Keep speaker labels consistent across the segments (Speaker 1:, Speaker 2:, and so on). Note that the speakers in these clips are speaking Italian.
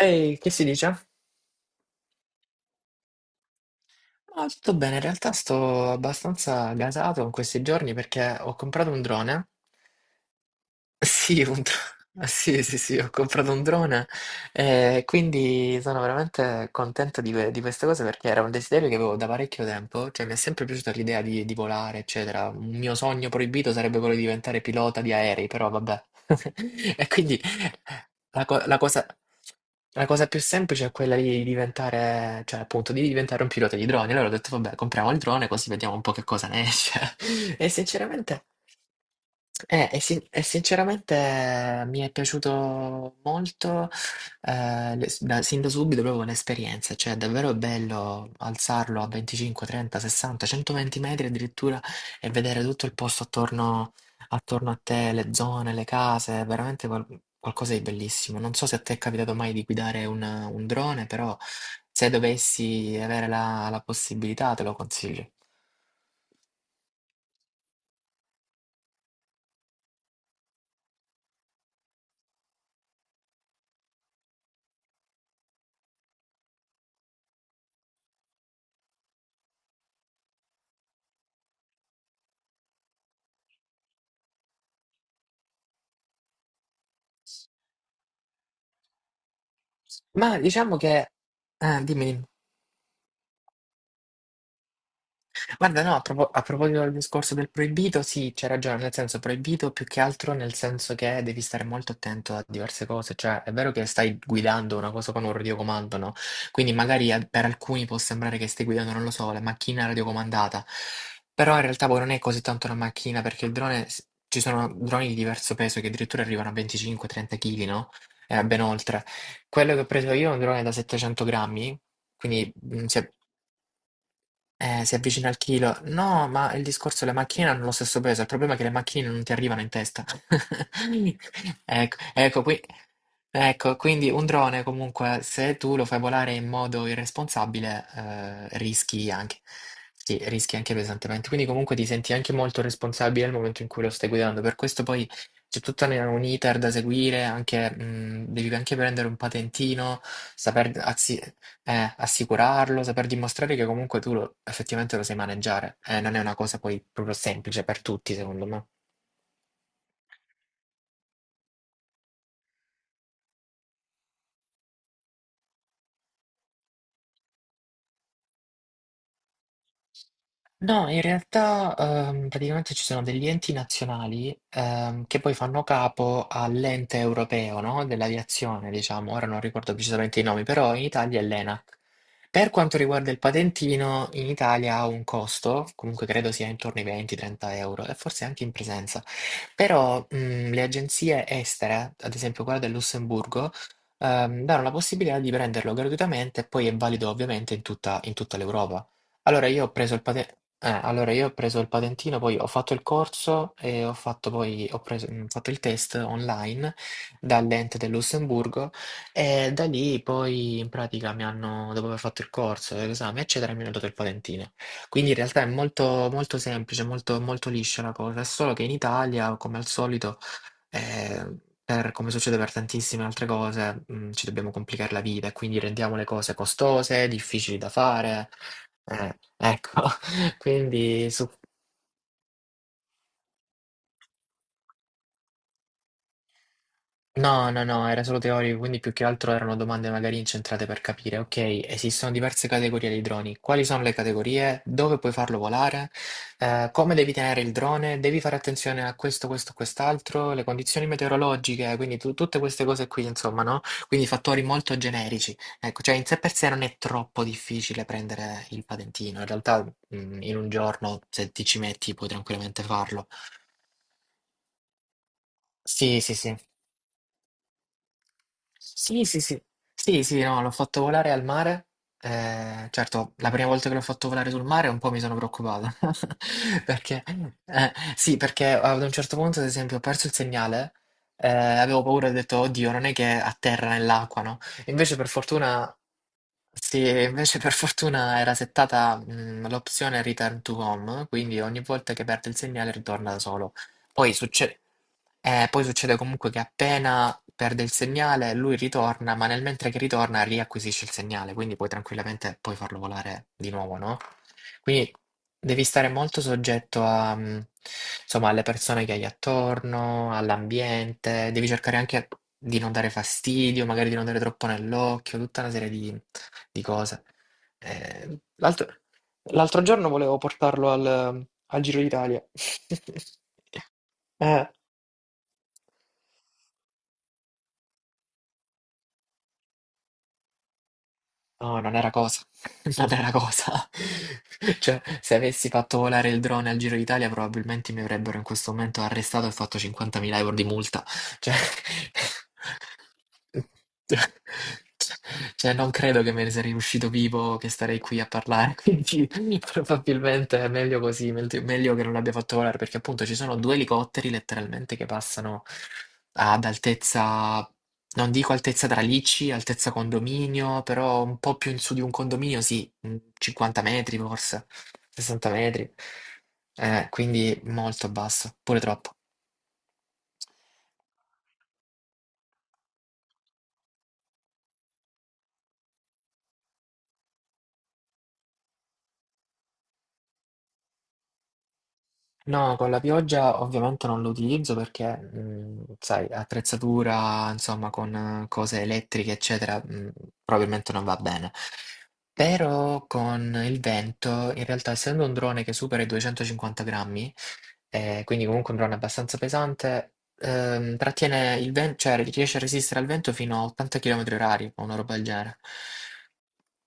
Speaker 1: Ehi, che si dice? No, tutto bene, in realtà sto abbastanza gasato in questi giorni perché ho comprato un drone. Sì, Sì, sì, sì, ho comprato un drone e quindi sono veramente contento di questa cosa perché era un desiderio che avevo da parecchio tempo, cioè mi è sempre piaciuta l'idea di volare, eccetera. Un mio sogno proibito sarebbe quello di diventare pilota di aerei, però vabbè. E quindi la co- la cosa... la cosa più semplice è quella di diventare, cioè appunto, di diventare un pilota di droni. Allora ho detto, vabbè, compriamo il drone così vediamo un po' che cosa ne esce. E sinceramente eh, e, sin- e sinceramente mi è piaciuto molto, sin da subito proprio l'esperienza, cioè è davvero bello alzarlo a 25, 30, 60, 120 metri addirittura e vedere tutto il posto attorno, attorno a te, le zone, le case, è veramente qualcosa di bellissimo. Non so se a te è capitato mai di guidare un drone, però se dovessi avere la possibilità te lo consiglio. Ma diciamo che. Ah, dimmi, dimmi. Guarda, no, a proposito del discorso del proibito, sì, c'è ragione, nel senso proibito più che altro nel senso che devi stare molto attento a diverse cose, cioè è vero che stai guidando una cosa con un radiocomando, no? Quindi magari per alcuni può sembrare che stai guidando, non lo so, la macchina radiocomandata, però in realtà poi non è così tanto una macchina perché il drone, ci sono droni di diverso peso che addirittura arrivano a 25-30 kg, no? E ben oltre. Quello che ho preso io è un drone da 700 grammi, quindi si avvicina al chilo. No, ma il discorso è le macchine hanno lo stesso peso. Il problema è che le macchine non ti arrivano in testa. Ecco, ecco, qui, ecco, quindi un drone comunque, se tu lo fai volare in modo irresponsabile, rischi anche. Sì, rischi anche pesantemente. Quindi comunque ti senti anche molto responsabile nel momento in cui lo stai guidando. Per questo poi c'è tutto un iter da seguire, anche, devi anche prendere un patentino, saper, assicurarlo, saper dimostrare che comunque tu lo effettivamente lo sai maneggiare. Non è una cosa poi proprio semplice per tutti, secondo me. No, in realtà praticamente ci sono degli enti nazionali che poi fanno capo all'ente europeo, no? Dell'aviazione, diciamo, ora non ricordo precisamente i nomi, però in Italia è l'ENAC. Per quanto riguarda il patentino, in Italia ha un costo, comunque credo sia intorno ai 20-30 € e forse anche in presenza, però le agenzie estere, ad esempio quella del Lussemburgo, danno la possibilità di prenderlo gratuitamente e poi è valido ovviamente in tutta l'Europa. Allora, io ho preso il patente. Allora io ho preso il patentino, poi ho fatto il corso e ho fatto poi, fatto il test online dall'ente del Lussemburgo e da lì poi in pratica mi hanno, dopo aver fatto il corso, l'esame eccetera, mi hanno dato il patentino. Quindi in realtà è molto, molto semplice, molto, molto liscia la cosa, è solo che in Italia, come al solito, eh, come succede per tantissime altre cose, ci dobbiamo complicare la vita e quindi rendiamo le cose costose, difficili da fare. Ecco, quindi su. No, no, no, era solo teorico, quindi più che altro erano domande magari incentrate per capire, ok, esistono diverse categorie di droni, quali sono le categorie, dove puoi farlo volare, come devi tenere il drone, devi fare attenzione a questo, questo, quest'altro, le condizioni meteorologiche, quindi tutte queste cose qui, insomma, no? Quindi fattori molto generici. Ecco, cioè in sé per sé non è troppo difficile prendere il patentino, in realtà in un giorno se ti ci metti puoi tranquillamente farlo. Sì, sì, sì. Sì, sì, sì. Sì, sì, no, l'ho fatto volare al mare. Certo, la prima volta che l'ho fatto volare sul mare un po' mi sono preoccupato. Perché, eh, sì, perché ad un certo punto, ad esempio, ho perso il segnale. Avevo paura e ho detto, oddio, non è che atterra nell'acqua, no? Invece, per fortuna. Sì, e invece per fortuna era settata l'opzione return to home, quindi ogni volta che perde il segnale ritorna da solo. Poi succede, Poi succede comunque che appena perde il segnale lui ritorna, ma nel mentre che ritorna riacquisisce il segnale, quindi puoi tranquillamente poi farlo volare di nuovo, no? Quindi devi stare molto soggetto a, insomma, alle persone che hai attorno, all'ambiente, devi cercare anche di non dare fastidio, magari di non dare troppo nell'occhio, tutta una serie di cose. Eh, l'altro L'altro giorno volevo portarlo al Giro d'Italia. Eh. No, non era cosa. Non era cosa. Cioè, se avessi fatto volare il drone al Giro d'Italia, probabilmente mi avrebbero in questo momento arrestato e fatto 50.000 € di multa. Cioè, cioè, non credo che me ne sarei uscito vivo, che starei qui a parlare. Quindi, probabilmente è meglio così, meglio che non l'abbia fatto volare, perché appunto ci sono due elicotteri letteralmente che passano ad altezza. Non dico altezza tralicci, altezza condominio, però un po' più in su di un condominio, sì, 50 metri forse, 60 metri, quindi molto basso, pure troppo. No, con la pioggia ovviamente non lo utilizzo perché, sai, attrezzatura, insomma, con cose elettriche, eccetera, probabilmente non va bene. Però con il vento, in realtà, essendo un drone che supera i 250 grammi, quindi comunque un drone abbastanza pesante, trattiene il vento, cioè riesce a resistere al vento fino a 80 km orari, o una roba del genere.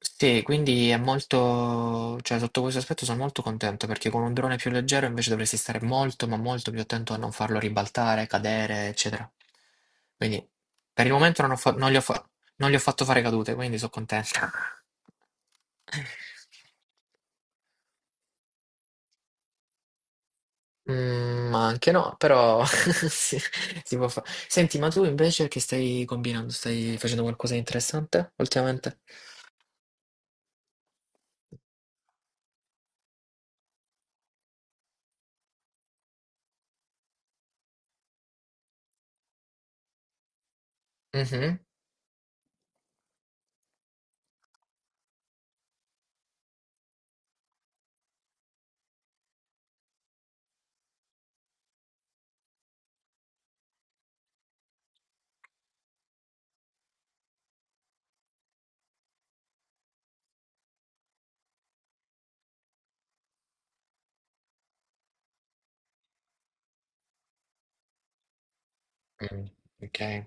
Speaker 1: Sì, quindi è molto, cioè sotto questo aspetto sono molto contento perché con un drone più leggero invece dovresti stare molto, ma molto più attento a non farlo ribaltare, cadere, eccetera. Quindi per il momento non ho fa- non gli ho fa- non gli ho fatto fare cadute, quindi sono contento. Ma anche no, però si può fare. Senti, ma tu invece che stai combinando? Stai facendo qualcosa di interessante ultimamente? Mhm. Mm, ok.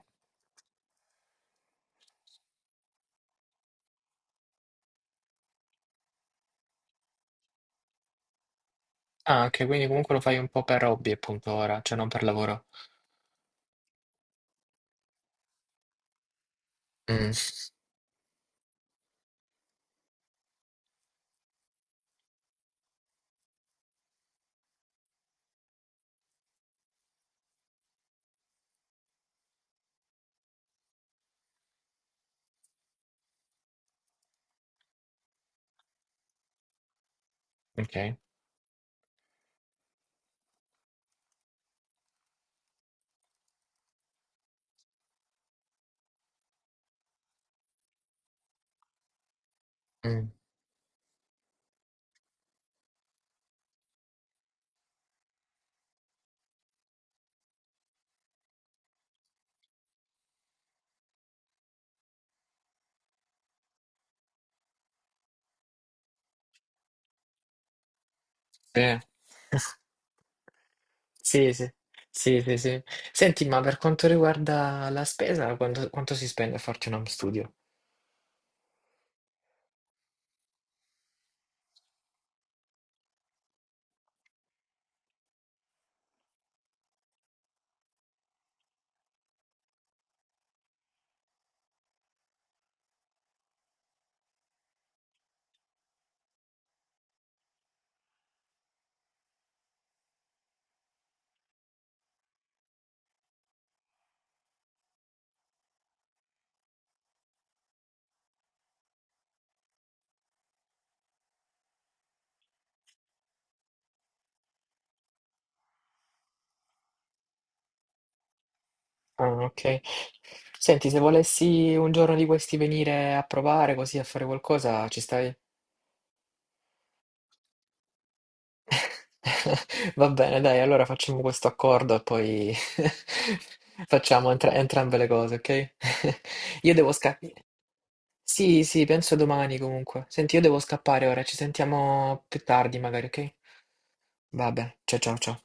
Speaker 1: Ah, anche, quindi comunque lo fai un po' per hobby appunto ora, cioè non per lavoro. Mm, ok. Mm, sì. Sì, sì, sì, sì, sì. Senti, ma per quanto riguarda la spesa, quanto si spende a farti un home studio? Ah, ok. Senti, se volessi un giorno di questi venire a provare così a fare qualcosa, ci stai? Va bene, dai, allora facciamo questo accordo e poi facciamo entrambe le cose, ok? Io devo scappare. Sì, sì, penso domani comunque. Senti, io devo scappare ora, ci sentiamo più tardi magari, ok? Vabbè, ciao ciao ciao.